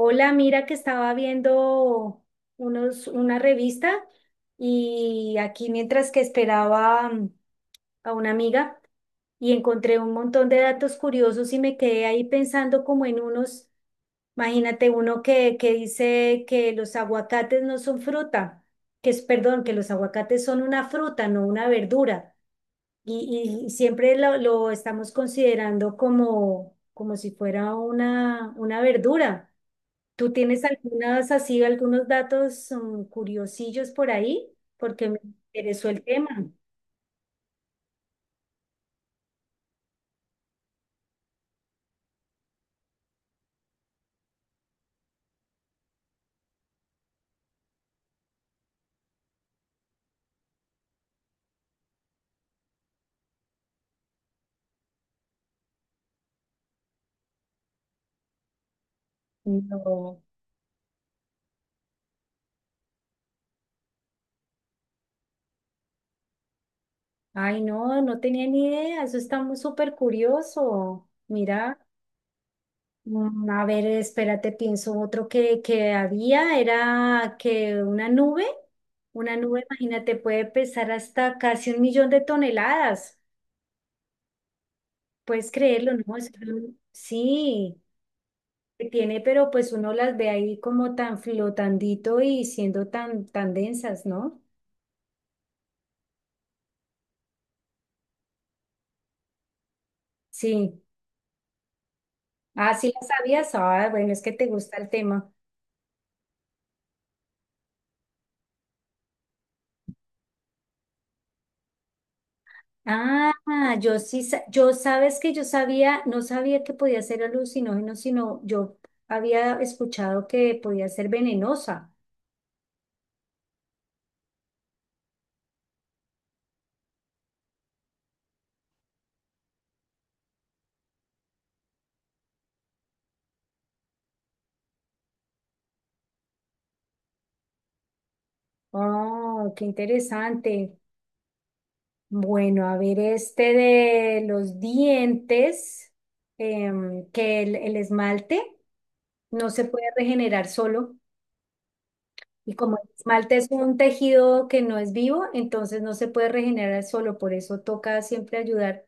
Hola, mira que estaba viendo una revista y aquí mientras que esperaba a una amiga y encontré un montón de datos curiosos y me quedé ahí pensando como en imagínate uno que dice que los aguacates no son fruta, que es, perdón, que los aguacates son una fruta, no una verdura. Y siempre lo estamos considerando como si fuera una verdura. ¿Tú tienes algunas así, algunos datos curiosillos por ahí? Porque me interesó el tema. No, ay, no tenía ni idea. Eso está muy súper curioso. Mira, a ver, espérate, pienso otro que había, era que una nube, imagínate, puede pesar hasta casi un millón de toneladas. Puedes creerlo, ¿no? Sí. Que tiene, pero pues uno las ve ahí como tan flotandito y siendo tan, tan densas, ¿no? Sí. Ah, sí las sabías. Ah, bueno, es que te gusta el tema. Ah, yo sí, yo sabes que yo sabía, no sabía que podía ser alucinógeno, sino yo había escuchado que podía ser venenosa. Oh, qué interesante. Bueno, a ver, este de los dientes, que el esmalte no se puede regenerar solo. Y como el esmalte es un tejido que no es vivo, entonces no se puede regenerar solo, por eso toca siempre ayudar.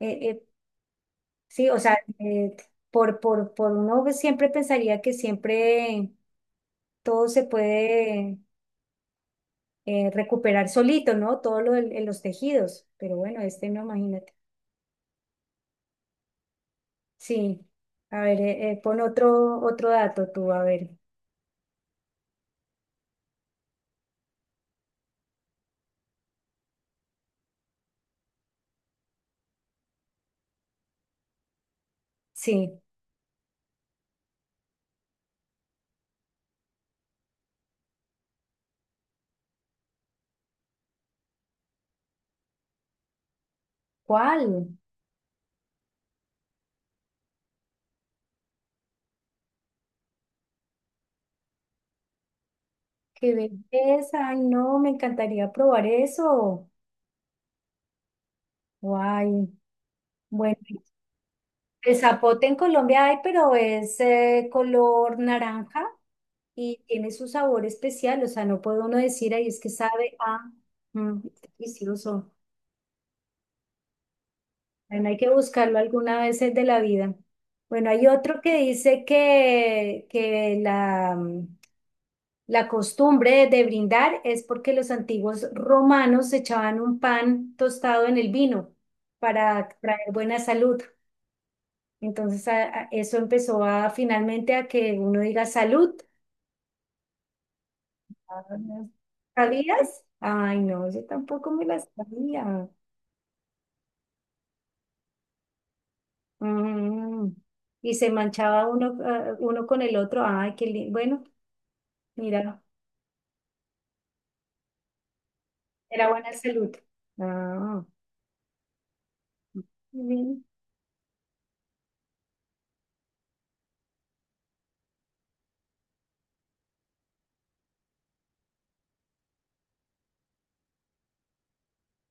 eh, eh, sí, o sea, por uno siempre pensaría que siempre todo se puede recuperar solito, ¿no? Todo lo en los tejidos, pero bueno, este no, imagínate. Sí, a ver, pon otro, otro dato tú, a ver. Sí, ¿cuál? ¡Qué belleza! Ay, no, me encantaría probar eso. Guay. Bueno. El zapote en Colombia hay, pero es color naranja y tiene su sabor especial. O sea, no puede uno decir, ahí es que sabe a. Mm, está delicioso. Bueno, hay que buscarlo alguna vez de la vida. Bueno, hay otro que dice que la costumbre de brindar es porque los antiguos romanos echaban un pan tostado en el vino para traer buena salud. Entonces eso empezó a finalmente a que uno diga salud. ¿Sabías? Ay, no, yo tampoco me las sabía. Mm. Y se manchaba uno, ah, uno con el otro. Ay, qué lindo. Bueno, mira, era buena salud. Ah, bien.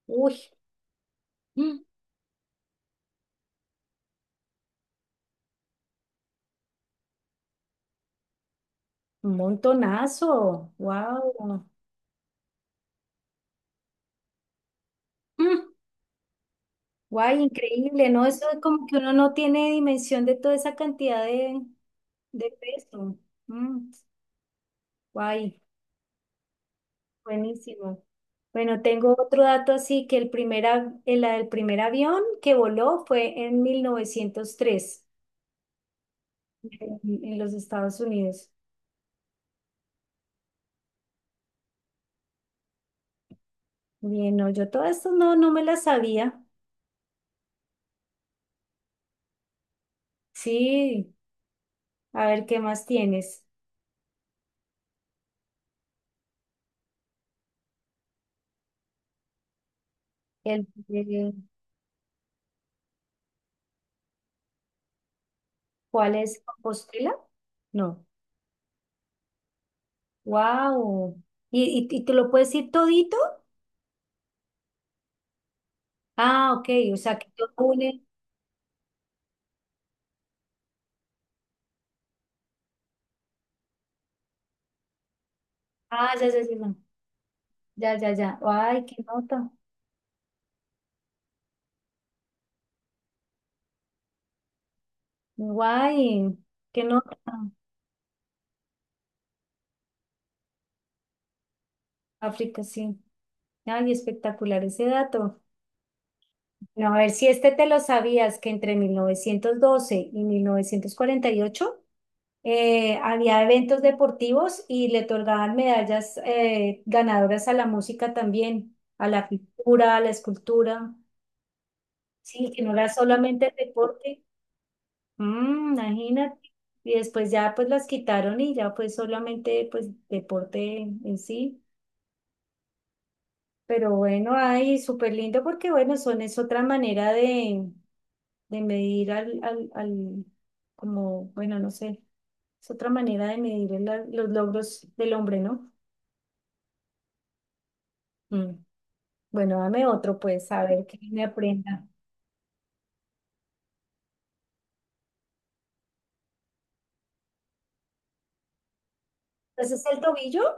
Uy, mm, un montonazo. Wow. Guay, increíble, ¿no? Eso es como que uno no tiene dimensión de toda esa cantidad de, peso. Mm, guay. Buenísimo. Bueno, tengo otro dato así que el primer avión que voló fue en 1903 en los Estados Unidos. Bien, no, yo todo esto no me la sabía. Sí, a ver qué más tienes. El, de- ¿Cuál es Compostela? No. Wow. ¿Y te lo puedes ir todito? Ah, ok, o sea que todo une. Ah, ya, ya, ya, no. Ya, ya, ya. Ay, qué nota. Guay, qué nota. África, sí. Ay, espectacular ese dato. No, a ver si este te lo sabías, que entre 1912 y 1948 había eventos deportivos y le otorgaban medallas ganadoras a la música también, a la pintura, a la escultura. Sí, que no era solamente el deporte. Mm, imagínate. Y después ya pues las quitaron y ya pues solamente pues deporte en sí. Pero bueno, ay, súper lindo porque bueno, son es otra manera de medir como, bueno, no sé, es otra manera de medir los logros del hombre, ¿no? Mm. Bueno, dame otro, pues, a ver que me aprenda. Entonces, el tobillo,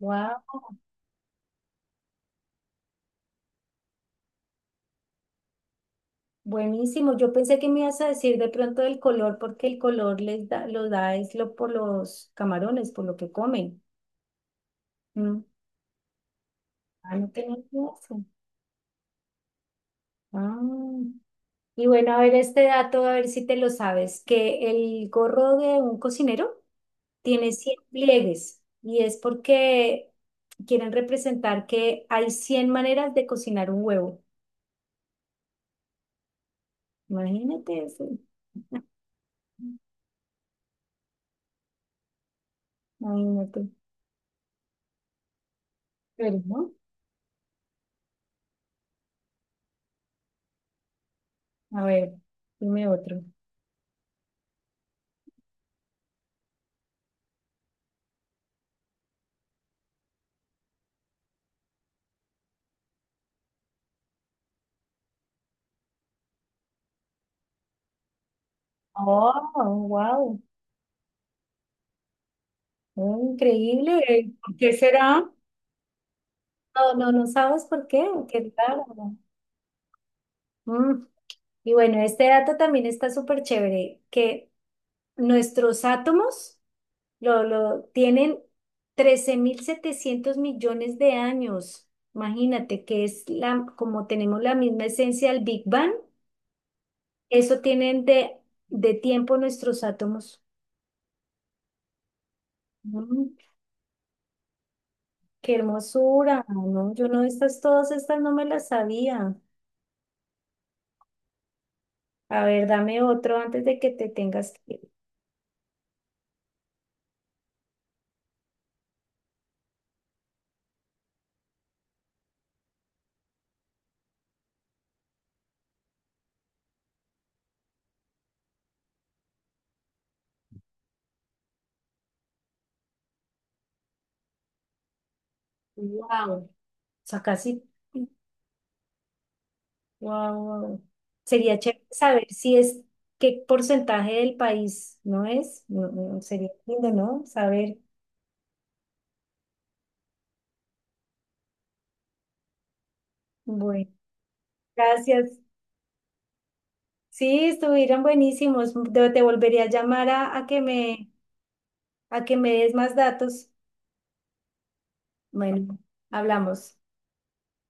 wow, buenísimo. Yo pensé que me ibas a decir de pronto el color, porque el color les da, lo da es lo por los camarones, por lo que comen. Mm. Ah, no tenía idea. Ah. Y bueno, a ver este dato, a ver si te lo sabes, que el gorro de un cocinero tiene 100 pliegues y es porque quieren representar que hay 100 maneras de cocinar un huevo. Imagínate eso, imagínate. Pero, ¿no? A ver, dime otro. Oh, wow, increíble. ¿Por qué será? No, no, no sabes por qué, qué raro. Mm. Y bueno, este dato también está súper chévere, que nuestros átomos lo tienen 13.700 millones de años. Imagínate que es la, como tenemos la misma esencia del Big Bang, eso tienen de, tiempo nuestros átomos. Mm, qué hermosura, ¿no? Yo no, estas, todas estas no me las sabía. A ver, dame otro antes de que te tengas que ir. Wow, o sea, casi. Wow. Sería chévere saber si es qué porcentaje del país no es. No, no, sería lindo, ¿no? Saber. Bueno, gracias. Sí, estuvieron buenísimos. Te volvería a llamar a que me des más datos. Bueno, hablamos.